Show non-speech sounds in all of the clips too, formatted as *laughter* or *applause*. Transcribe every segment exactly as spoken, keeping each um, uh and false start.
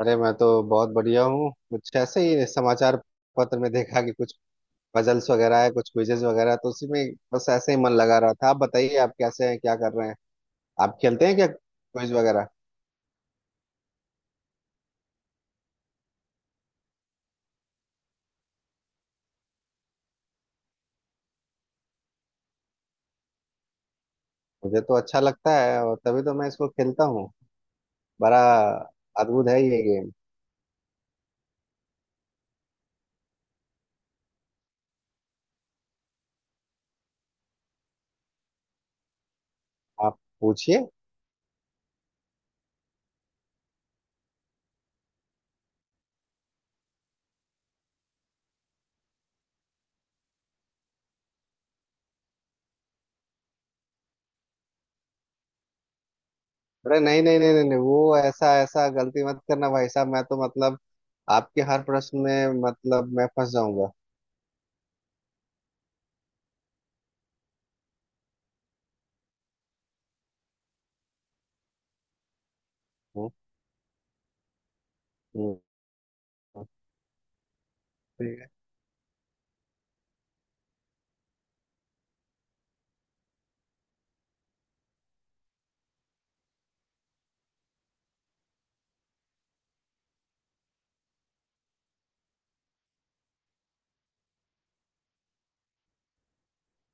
अरे मैं तो बहुत बढ़िया हूँ। कुछ ऐसे ही समाचार पत्र में देखा कि कुछ पजल्स वगैरह है, कुछ क्विजेज वगैरह, तो उसी में बस ऐसे ही मन लगा रहा था। आप बताइए, आप कैसे हैं, क्या कर रहे हैं? आप खेलते हैं क्या क्विज वगैरह? मुझे तो अच्छा लगता है, और तभी तो मैं इसको खेलता हूँ। बड़ा अद्भुत है ये गेम। आप पूछिए। अरे नहीं नहीं नहीं नहीं नहीं, वो ऐसा ऐसा गलती मत करना भाई साहब, मैं तो मतलब आपके हर प्रश्न में मतलब मैं फंस जाऊंगा। हम्म, हम्म, ठीक है।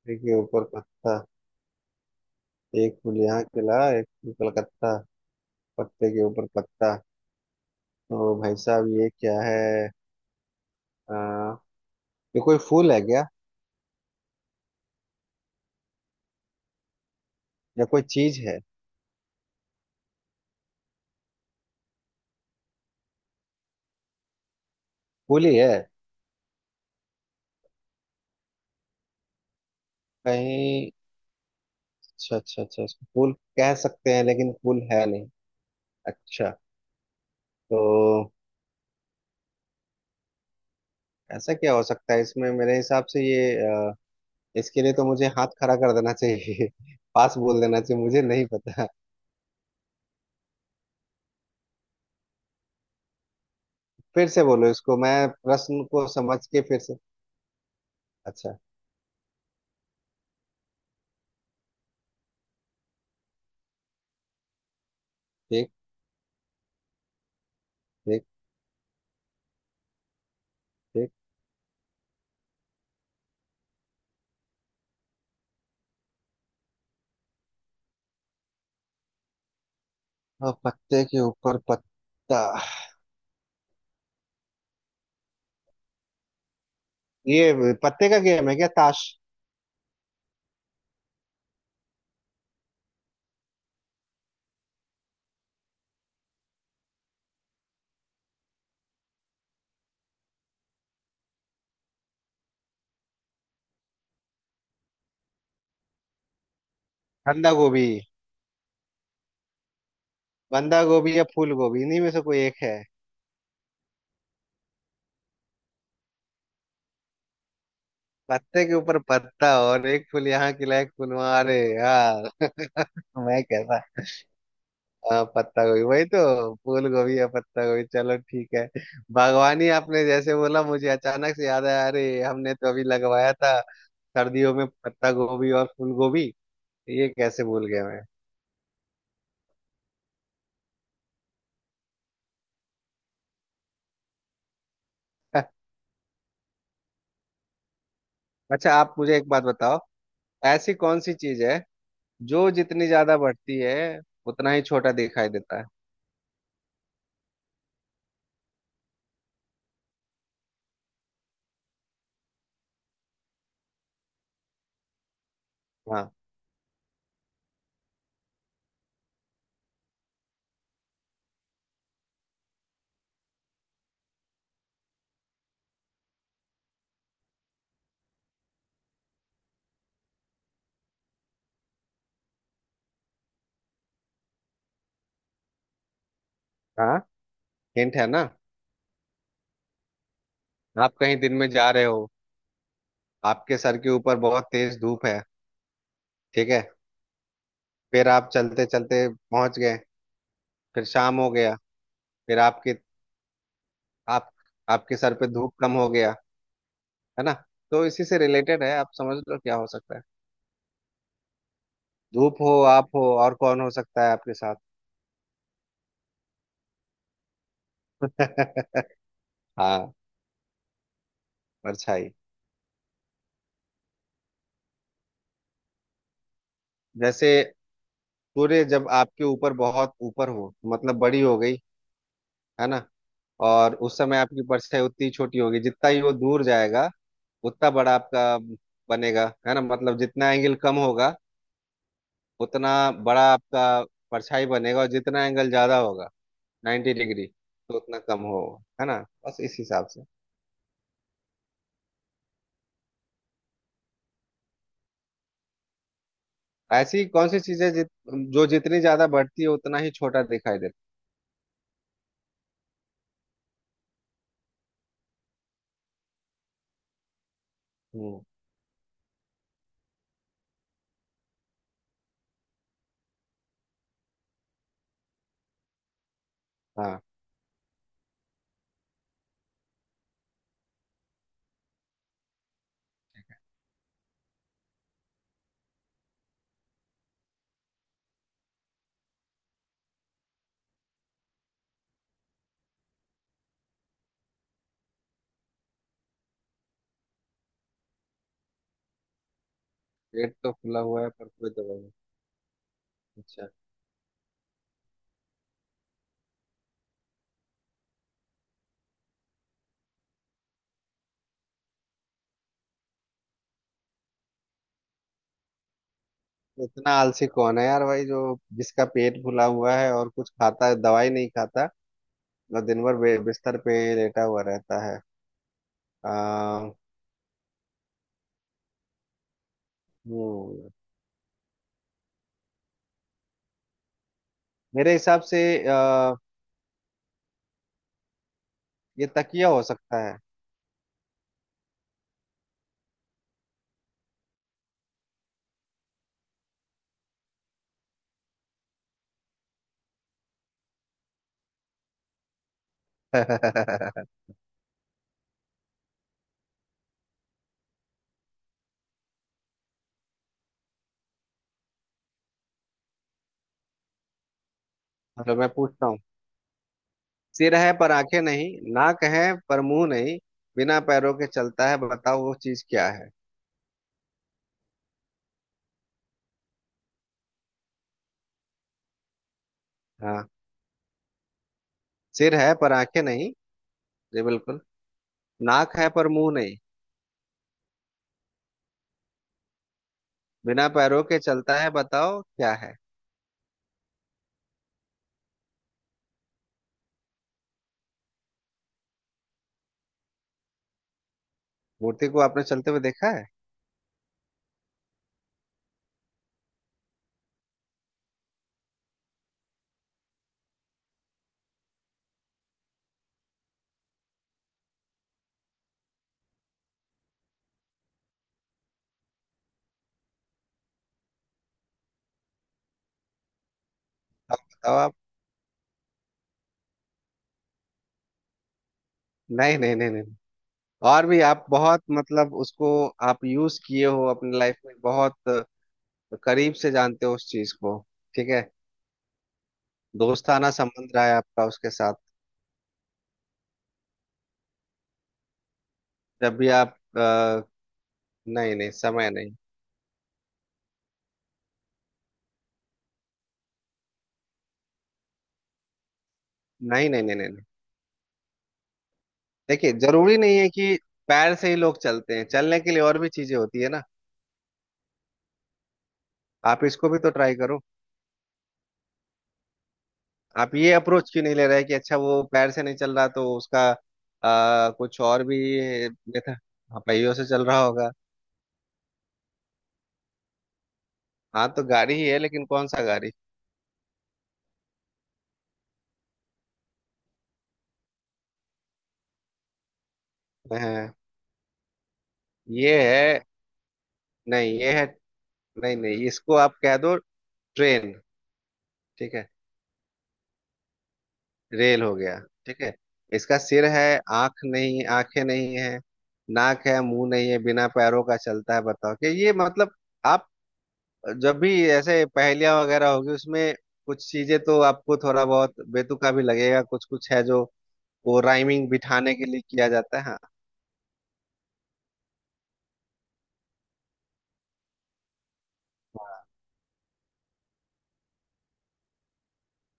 ठीक है, ऊपर पत्ता। एक फूल यहाँ खिला, एक फूल कलकत्ता, पत्ते के ऊपर पत्ता। तो भाई साहब ये क्या है? आ, ये कोई फूल है क्या, या कोई चीज है? फूल ही है कहीं? अच्छा अच्छा अच्छा, इसको फूल कह सकते हैं, लेकिन फूल है नहीं। अच्छा। तो ऐसा क्या हो सकता है इसमें? मेरे हिसाब से ये आ, इसके लिए तो मुझे हाथ खड़ा कर देना चाहिए। *laughs* पास बोल देना चाहिए, मुझे नहीं पता। फिर से बोलो इसको, मैं प्रश्न को समझ के फिर से। अच्छा। ठीक। ठीक। ठीक। और पत्ते के ऊपर पत्ता। ये पत्ते का गेम है क्या, ताश? बंदा गोभी। बंदा गोभी या फूल गोभी, इन्हीं में से कोई एक है। पत्ते के ऊपर पत्ता, और एक फूल यहाँ खिला, एक फूल वहाँ। अरे यार, मैं कैसा। हाँ, पत्ता गोभी। वही तो, फूल गोभी या पत्ता गोभी। चलो ठीक है। बागवानी आपने जैसे बोला, मुझे अचानक से याद आया, अरे हमने तो अभी लगवाया था सर्दियों में पत्ता गोभी और फूल गोभी। ये कैसे भूल गया मैं। *laughs* अच्छा, आप मुझे एक बात बताओ। ऐसी कौन सी चीज है जो जितनी ज्यादा बढ़ती है, उतना ही छोटा दिखाई देता है? हाँ। हाँ, हिंट है ना। आप कहीं दिन में जा रहे हो, आपके सर के ऊपर बहुत तेज धूप है, ठीक है? फिर आप चलते चलते पहुंच गए, फिर शाम हो गया, फिर आपके आप आपके सर पे धूप कम हो गया, है ना? तो इसी से रिलेटेड है, आप समझ लो क्या हो सकता है। धूप हो, आप हो, और कौन हो सकता है आपके साथ? *laughs* हाँ, परछाई। जैसे सूर्य जब आपके ऊपर बहुत ऊपर हो, मतलब बड़ी हो गई, है ना? और उस समय आपकी परछाई उतनी छोटी होगी, जितना ही वो दूर जाएगा, उतना बड़ा आपका बनेगा, है ना? मतलब जितना एंगल कम होगा, उतना बड़ा आपका परछाई बनेगा, और जितना एंगल ज्यादा होगा, नाइन्टी डिग्री, तो उतना कम हो, है ना? बस इस हिसाब से। ऐसी कौन सी चीजें जित, जो जितनी ज्यादा बढ़ती है उतना ही छोटा दिखाई देता। हम्म। हाँ, पेट तो फूला हुआ है पर कोई दवाई नहीं। अच्छा। इतना आलसी कौन है यार भाई, जो जिसका पेट फूला हुआ है और कुछ खाता है, दवाई नहीं खाता। मतलब दिन भर बे- बिस्तर पे लेटा हुआ रहता है। आ, हम्म, मेरे हिसाब से आ, ये तकिया हो सकता है। *laughs* चलो मैं पूछता हूँ। सिर है पर आंखें नहीं, नाक है पर मुंह नहीं, बिना पैरों के चलता है, बताओ वो चीज क्या है? हाँ। सिर है पर आंखें नहीं। जी बिल्कुल। नाक है पर मुंह नहीं। बिना पैरों के चलता है, बताओ क्या है? मूर्ति को आपने चलते हुए देखा है? अब बताओ आप। नहीं नहीं नहीं नहीं। और भी, आप बहुत मतलब उसको आप यूज किए हो अपने लाइफ में। बहुत करीब से जानते हो उस चीज को, ठीक है? दोस्ताना संबंध रहा है आपका उसके साथ। जब भी आप अ, नहीं नहीं, समय नहीं। नहीं नहीं नहीं नहीं नहीं। देखिए, जरूरी नहीं है कि पैर से ही लोग चलते हैं, चलने के लिए और भी चीजें होती है ना। आप इसको भी तो ट्राई करो। आप ये अप्रोच क्यों नहीं ले रहे कि अच्छा वो पैर से नहीं चल रहा तो उसका अ, कुछ और भी मेथड। हाँ, पहियों से चल रहा होगा। हाँ, तो गाड़ी ही है लेकिन कौन सा गाड़ी? हाँ, ये है। नहीं, ये है। नहीं नहीं, इसको आप कह दो ट्रेन। ठीक है, रेल हो गया, ठीक है? इसका सिर है, आंख नहीं, आंखें नहीं है, नाक है, मुंह नहीं है, बिना पैरों का चलता है, बताओ। कि ये मतलब आप जब भी ऐसे पहेलियां वगैरह होगी, उसमें कुछ चीजें तो आपको थोड़ा बहुत बेतुका भी लगेगा, कुछ कुछ है जो वो राइमिंग बिठाने के लिए किया जाता है। हाँ,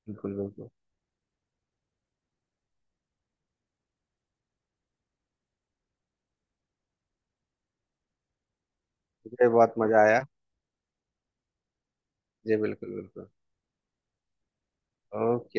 बिल्कुल बिल्कुल। मुझे बहुत मजा आया। जी बिल्कुल बिल्कुल। ओके।